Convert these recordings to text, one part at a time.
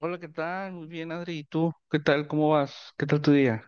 Hola, ¿qué tal? Muy bien, Adri. ¿Y tú? ¿Qué tal? ¿Cómo vas? ¿Qué tal tu día?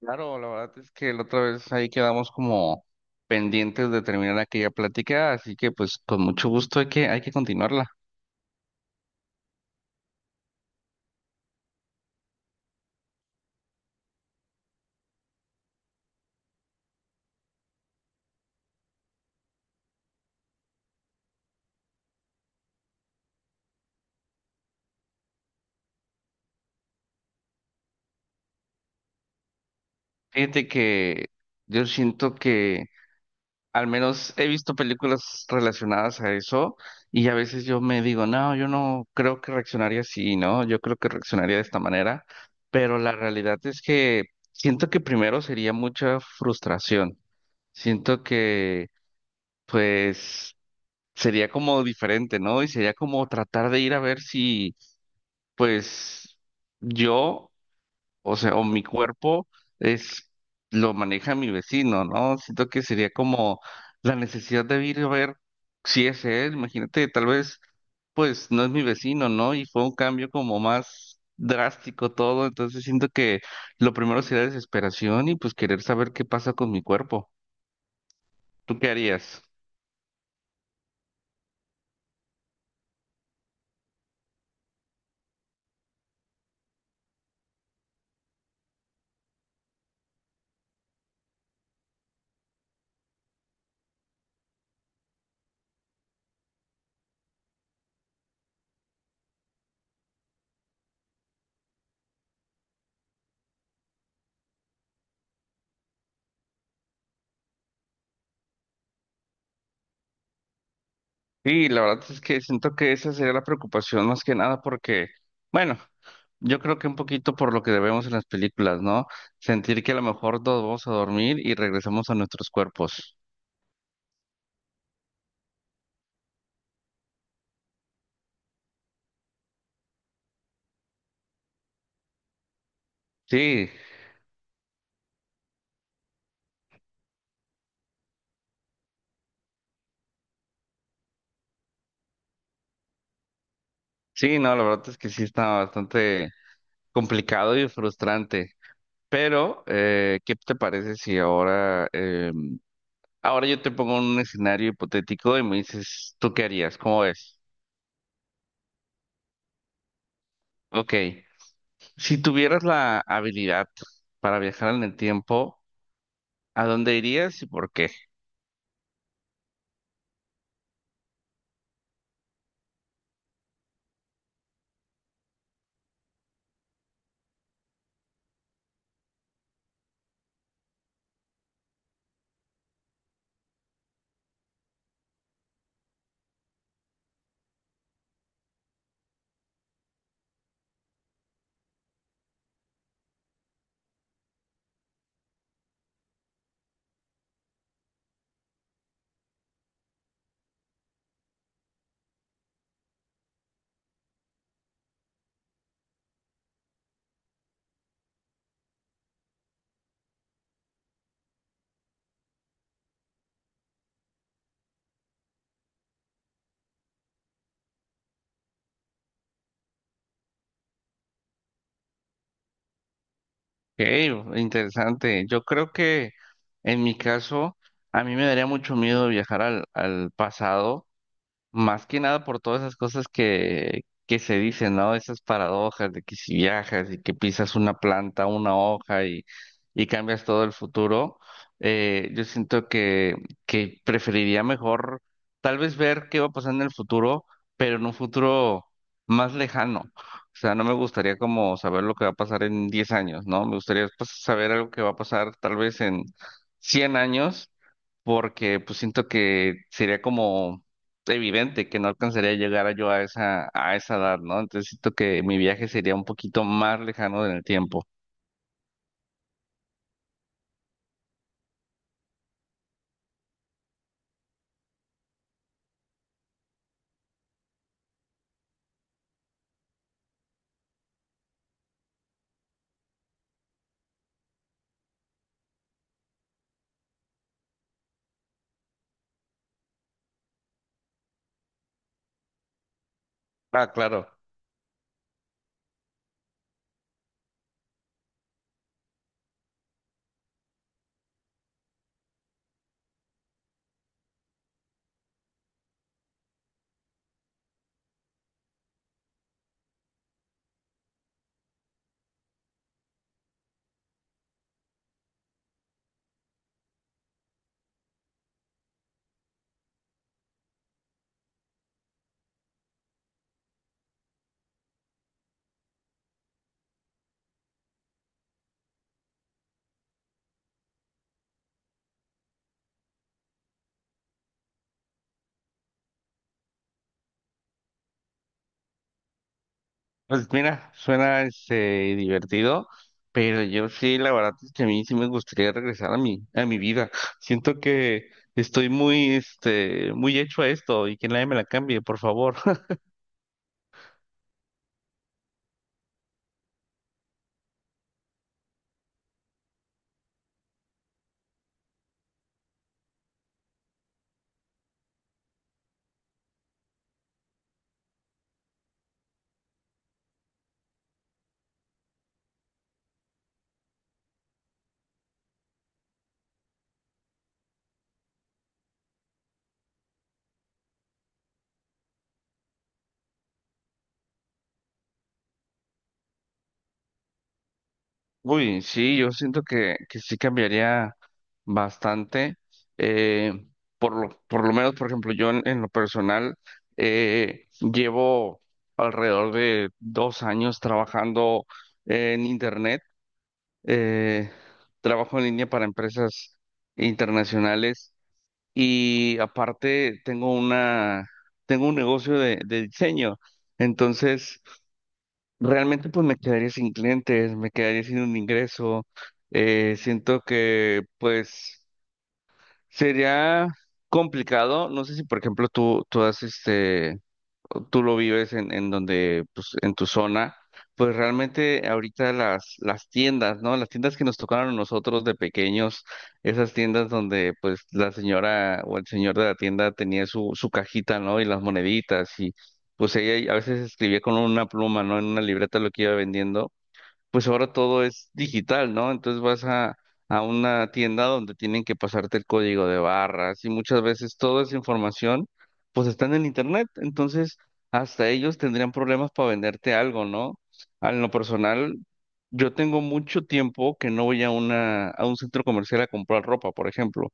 Claro, la verdad es que la otra vez ahí quedamos como pendientes de terminar aquella plática, así que pues con mucho gusto hay que continuarla. Fíjate que yo siento que al menos he visto películas relacionadas a eso y a veces yo me digo, no, yo no creo que reaccionaría así, ¿no? Yo creo que reaccionaría de esta manera, pero la realidad es que siento que primero sería mucha frustración. Siento que pues sería como diferente, ¿no? Y sería como tratar de ir a ver si, pues, yo, o sea, o mi cuerpo es, lo maneja mi vecino, ¿no? Siento que sería como la necesidad de ir a ver si es él, imagínate, tal vez, pues, no es mi vecino, ¿no? Y fue un cambio como más drástico todo, entonces siento que lo primero sería desesperación y pues querer saber qué pasa con mi cuerpo. ¿Tú qué harías? Sí, la verdad es que siento que esa sería la preocupación más que nada porque, bueno, yo creo que un poquito por lo que debemos en las películas, ¿no? Sentir que a lo mejor nos vamos a dormir y regresamos a nuestros cuerpos. Sí, sí, no, la verdad es que sí está bastante complicado y frustrante. Pero, ¿qué te parece si ahora, ahora yo te pongo un escenario hipotético y me dices, ¿tú qué harías? ¿Cómo ves? Ok, si tuvieras la habilidad para viajar en el tiempo, ¿a dónde irías y por qué? Ok, interesante. Yo creo que en mi caso, a mí me daría mucho miedo viajar al pasado. Más que nada por todas esas cosas que se dicen, ¿no? Esas paradojas de que si viajas y que pisas una planta, una hoja y cambias todo el futuro, yo siento que preferiría mejor tal vez ver qué va a pasar en el futuro, pero en un futuro más lejano. O sea, no me gustaría como saber lo que va a pasar en 10 años, ¿no? Me gustaría pues, saber algo que va a pasar tal vez en 100 años porque pues siento que sería como evidente que no alcanzaría a llegar yo a esa edad, ¿no? Entonces siento que mi viaje sería un poquito más lejano en el tiempo. Ah, claro. Pues mira, suena este divertido, pero yo sí, la verdad es que a mí sí me gustaría regresar a mi vida. Siento que estoy muy, este, muy hecho a esto y que nadie me la cambie, por favor. Uy, sí, yo siento que sí cambiaría bastante. eh, por lo, por lo menos, por ejemplo, yo en lo personal llevo alrededor de 2 años trabajando en internet. eh, Trabajo en línea para empresas internacionales y aparte tengo una, tengo un negocio de diseño. Entonces, realmente pues me quedaría sin clientes, me quedaría sin un ingreso. Siento que pues sería complicado. No sé si por ejemplo tú has este, tú lo vives en donde, pues, en tu zona, pues realmente ahorita las tiendas, ¿no? Las tiendas que nos tocaron a nosotros de pequeños, esas tiendas donde, pues, la señora o el señor de la tienda tenía su, su cajita, ¿no? Y las moneditas y, pues, ella a veces escribía con una pluma, ¿no? En una libreta lo que iba vendiendo pues ahora todo es digital, ¿no? Entonces vas a una tienda donde tienen que pasarte el código de barras y muchas veces toda esa información pues está en el internet, entonces hasta ellos tendrían problemas para venderte algo, ¿no? A lo personal, yo tengo mucho tiempo que no voy a una, a un centro comercial a comprar ropa, por ejemplo.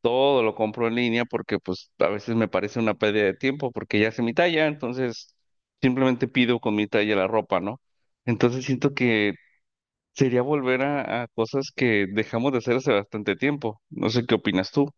Todo lo compro en línea porque pues a veces me parece una pérdida de tiempo porque ya sé mi talla, entonces simplemente pido con mi talla la ropa, ¿no? Entonces siento que sería volver a cosas que dejamos de hacer hace bastante tiempo. No sé qué opinas tú.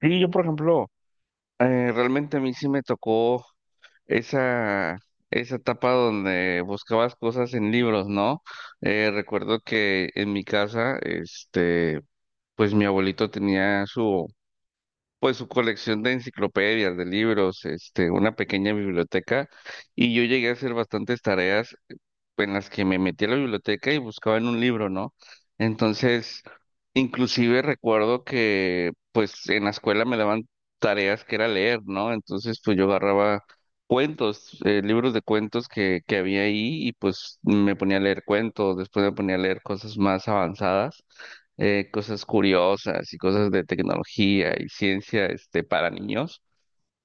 Sí, yo, por ejemplo, realmente a mí sí me tocó esa, esa etapa donde buscabas cosas en libros, ¿no? Recuerdo que en mi casa, este, pues mi abuelito tenía su, pues su colección de enciclopedias, de libros, este, una pequeña biblioteca, y yo llegué a hacer bastantes tareas en las que me metí a la biblioteca y buscaba en un libro, ¿no? Entonces, inclusive recuerdo que pues en la escuela me daban tareas que era leer, ¿no? Entonces, pues yo agarraba cuentos, libros de cuentos que había ahí y pues me ponía a leer cuentos, después me ponía a leer cosas más avanzadas. Cosas curiosas y cosas de tecnología y ciencia, este, para niños.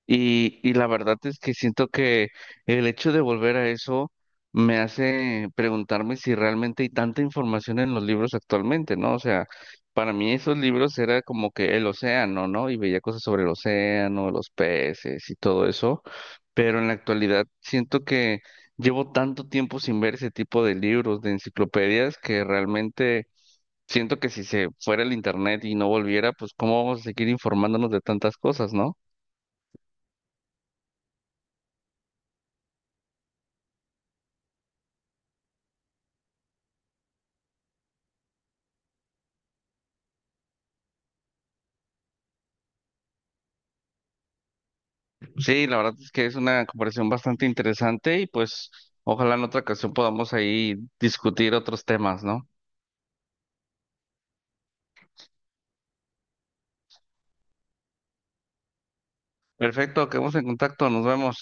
Y la verdad es que siento que el hecho de volver a eso me hace preguntarme si realmente hay tanta información en los libros actualmente, ¿no? O sea, para mí esos libros era como que el océano, ¿no? Y veía cosas sobre el océano, los peces y todo eso, pero en la actualidad siento que llevo tanto tiempo sin ver ese tipo de libros, de enciclopedias, que realmente siento que si se fuera el internet y no volviera, pues ¿cómo vamos a seguir informándonos de tantas cosas, ¿no? Sí, la verdad es que es una comparación bastante interesante y pues ojalá en otra ocasión podamos ahí discutir otros temas, ¿no? Perfecto, quedamos en contacto, nos vemos.